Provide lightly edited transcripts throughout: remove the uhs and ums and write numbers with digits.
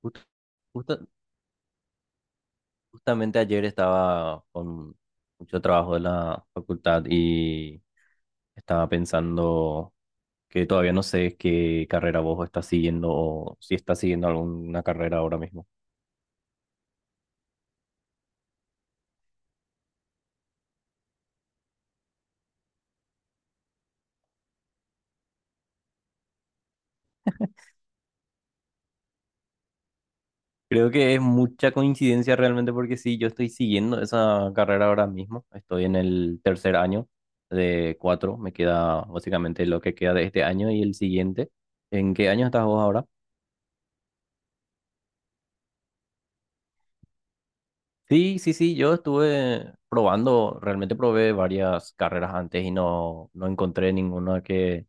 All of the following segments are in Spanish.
Justo- justa- Justamente ayer estaba con mucho trabajo de la facultad y estaba pensando que todavía no sé qué carrera vos estás siguiendo o si estás siguiendo alguna carrera ahora mismo. Creo que es mucha coincidencia realmente porque sí, yo estoy siguiendo esa carrera ahora mismo. Estoy en el tercer año de cuatro. Me queda básicamente lo que queda de este año y el siguiente. ¿En qué año estás vos ahora? Sí, sí, sí, yo estuve probando, realmente probé varias carreras antes y no, no encontré ninguna que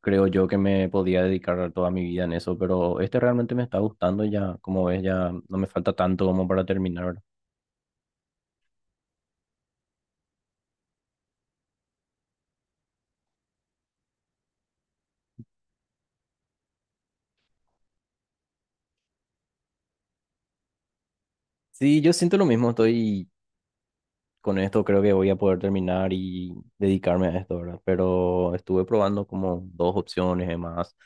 creo yo que me podía dedicar toda mi vida en eso, pero este realmente me está gustando ya, como ves, ya no me falta tanto como para terminar. Sí, yo siento lo mismo, estoy con esto creo que voy a poder terminar y dedicarme a esto, ¿verdad? Pero estuve probando como dos opciones de más.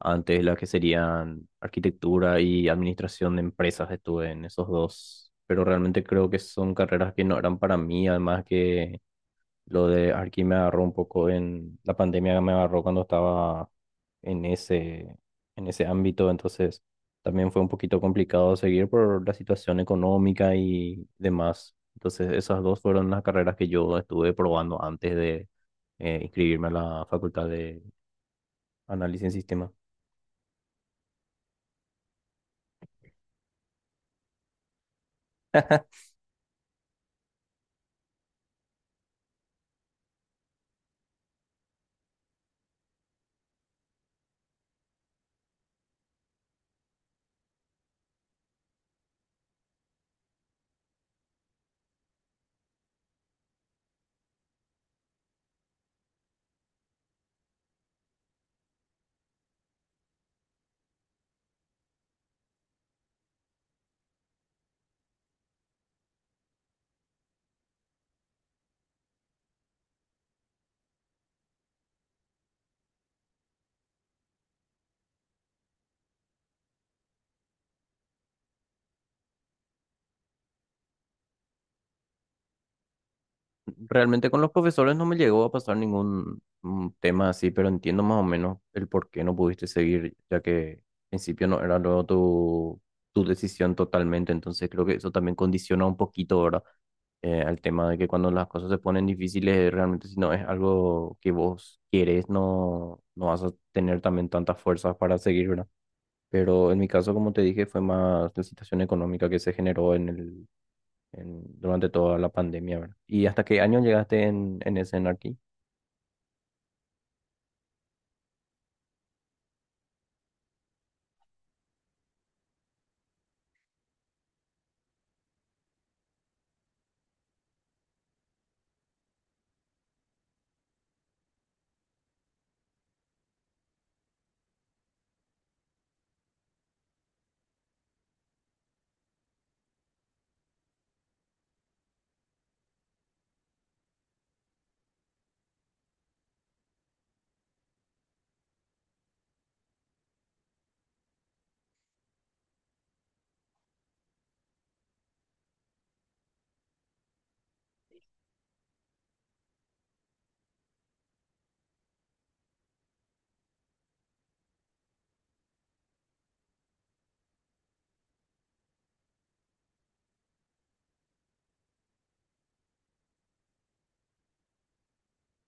Antes las que serían arquitectura y administración de empresas, estuve en esos dos. Pero realmente creo que son carreras que no eran para mí, además que lo de Arki me agarró un poco en la pandemia, me agarró cuando estaba en ese, en ese ámbito, entonces también fue un poquito complicado seguir por la situación económica y demás. Entonces esas dos fueron las carreras que yo estuve probando antes de inscribirme a la Facultad de Análisis en Sistemas. Realmente con los profesores no me llegó a pasar ningún tema así, pero entiendo más o menos el por qué no pudiste seguir, ya que en principio no era luego tu decisión totalmente, entonces creo que eso también condiciona un poquito, ¿verdad? Al tema de que cuando las cosas se ponen difíciles, realmente si no es algo que vos quieres, no, no vas a tener también tantas fuerzas para seguir, ¿verdad? Pero en mi caso, como te dije, fue más la situación económica que se generó en durante toda la pandemia, ¿verdad? ¿Y hasta qué año llegaste en ese aquí?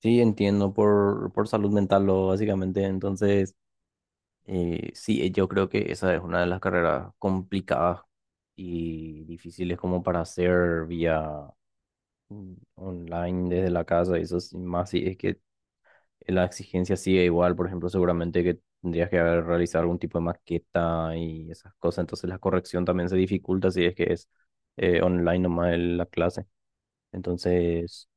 Sí, entiendo, por salud mental, lo, básicamente. Entonces, sí, yo creo que esa es una de las carreras complicadas y difíciles como para hacer vía online desde la casa. Y eso es más si es que la exigencia sigue igual. Por ejemplo, seguramente que tendrías que haber realizado algún tipo de maqueta y esas cosas. Entonces, la corrección también se dificulta si es que es online nomás la clase. Entonces,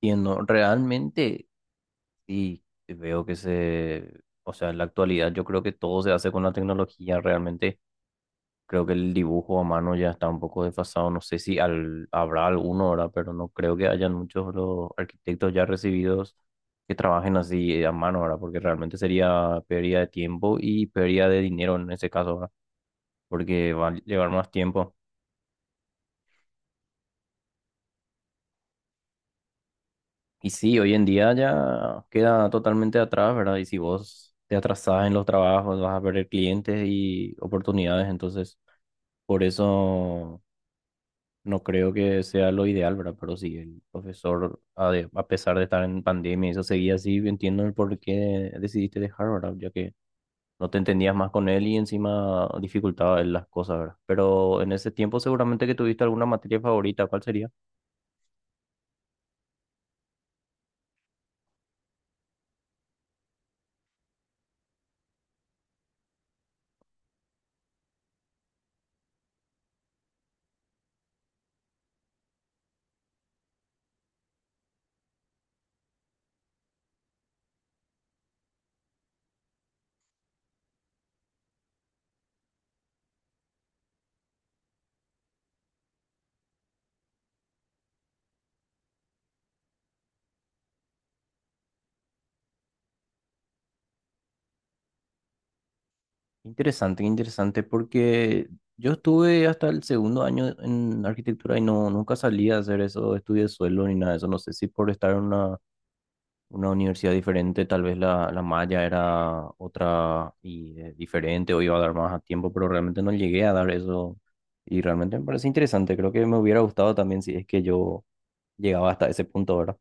entiendo, realmente sí veo que se, o sea, en la actualidad yo creo que todo se hace con la tecnología, realmente creo que el dibujo a mano ya está un poco desfasado, no sé si habrá alguno ahora, pero no creo que hayan muchos los arquitectos ya recibidos que trabajen así a mano ahora, porque realmente sería pérdida de tiempo y pérdida de dinero en ese caso ahora, porque va a llevar más tiempo. Y sí, hoy en día ya queda totalmente atrás, ¿verdad? Y si vos te atrasás en los trabajos, vas a perder clientes y oportunidades. Entonces, por eso no creo que sea lo ideal, ¿verdad? Pero sí, el profesor, a pesar de estar en pandemia, y eso seguía así. Entiendo el por qué decidiste dejar, ¿verdad? Ya que no te entendías más con él y encima dificultaba él las cosas, ¿verdad? Pero en ese tiempo seguramente que tuviste alguna materia favorita, ¿cuál sería? Interesante, interesante, porque yo estuve hasta el segundo año en arquitectura y no, nunca salí a hacer eso, estudios de suelo ni nada de eso. No sé si por estar en una universidad diferente, tal vez la malla era otra y diferente o iba a dar más a tiempo, pero realmente no llegué a dar eso. Y realmente me parece interesante, creo que me hubiera gustado también si es que yo llegaba hasta ese punto ahora.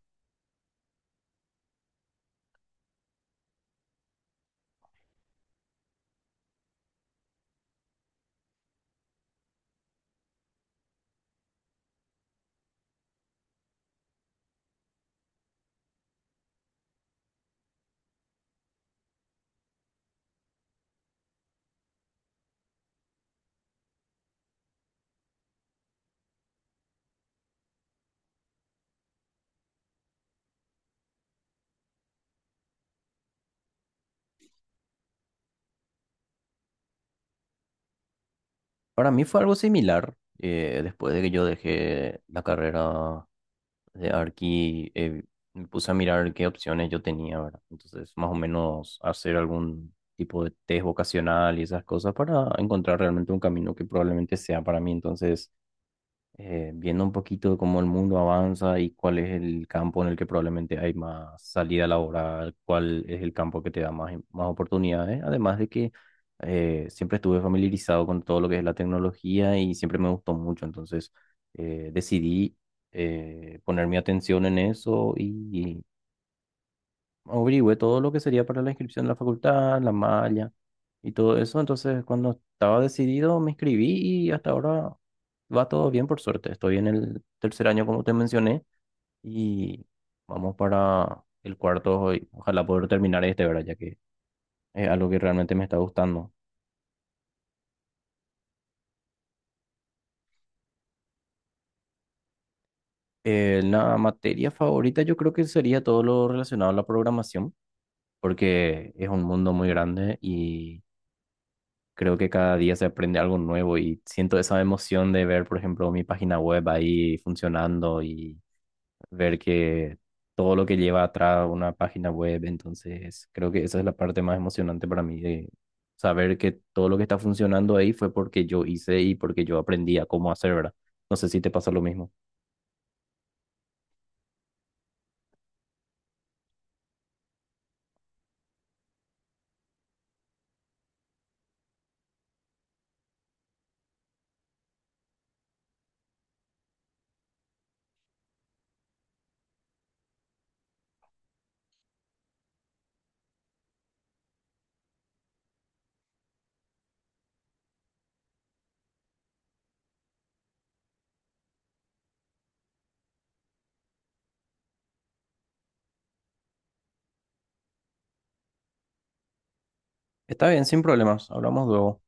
Para mí fue algo similar, después de que yo dejé la carrera de Arki, me puse a mirar qué opciones yo tenía, ¿verdad? Entonces, más o menos hacer algún tipo de test vocacional y esas cosas para encontrar realmente un camino que probablemente sea para mí. Entonces, viendo un poquito cómo el mundo avanza y cuál es el campo en el que probablemente hay más salida laboral, cuál es el campo que te da más, más oportunidades, además de que siempre estuve familiarizado con todo lo que es la tecnología y siempre me gustó mucho, entonces decidí poner mi atención en eso y averigüé todo lo que sería para la inscripción de la facultad, la malla y todo eso. Entonces, cuando estaba decidido, me inscribí y hasta ahora va todo bien, por suerte. Estoy en el tercer año, como te mencioné, y vamos para el cuarto. Y ojalá poder terminar este, ¿verdad? Ya que es algo que realmente me está gustando. La materia favorita yo creo que sería todo lo relacionado a la programación, porque es un mundo muy grande y creo que cada día se aprende algo nuevo y siento esa emoción de ver, por ejemplo, mi página web ahí funcionando y ver que todo lo que lleva atrás una página web, entonces creo que esa es la parte más emocionante para mí de saber que todo lo que está funcionando ahí fue porque yo hice y porque yo aprendí a cómo hacer, ¿verdad? No sé si te pasa lo mismo. Está bien, sin problemas, hablamos luego.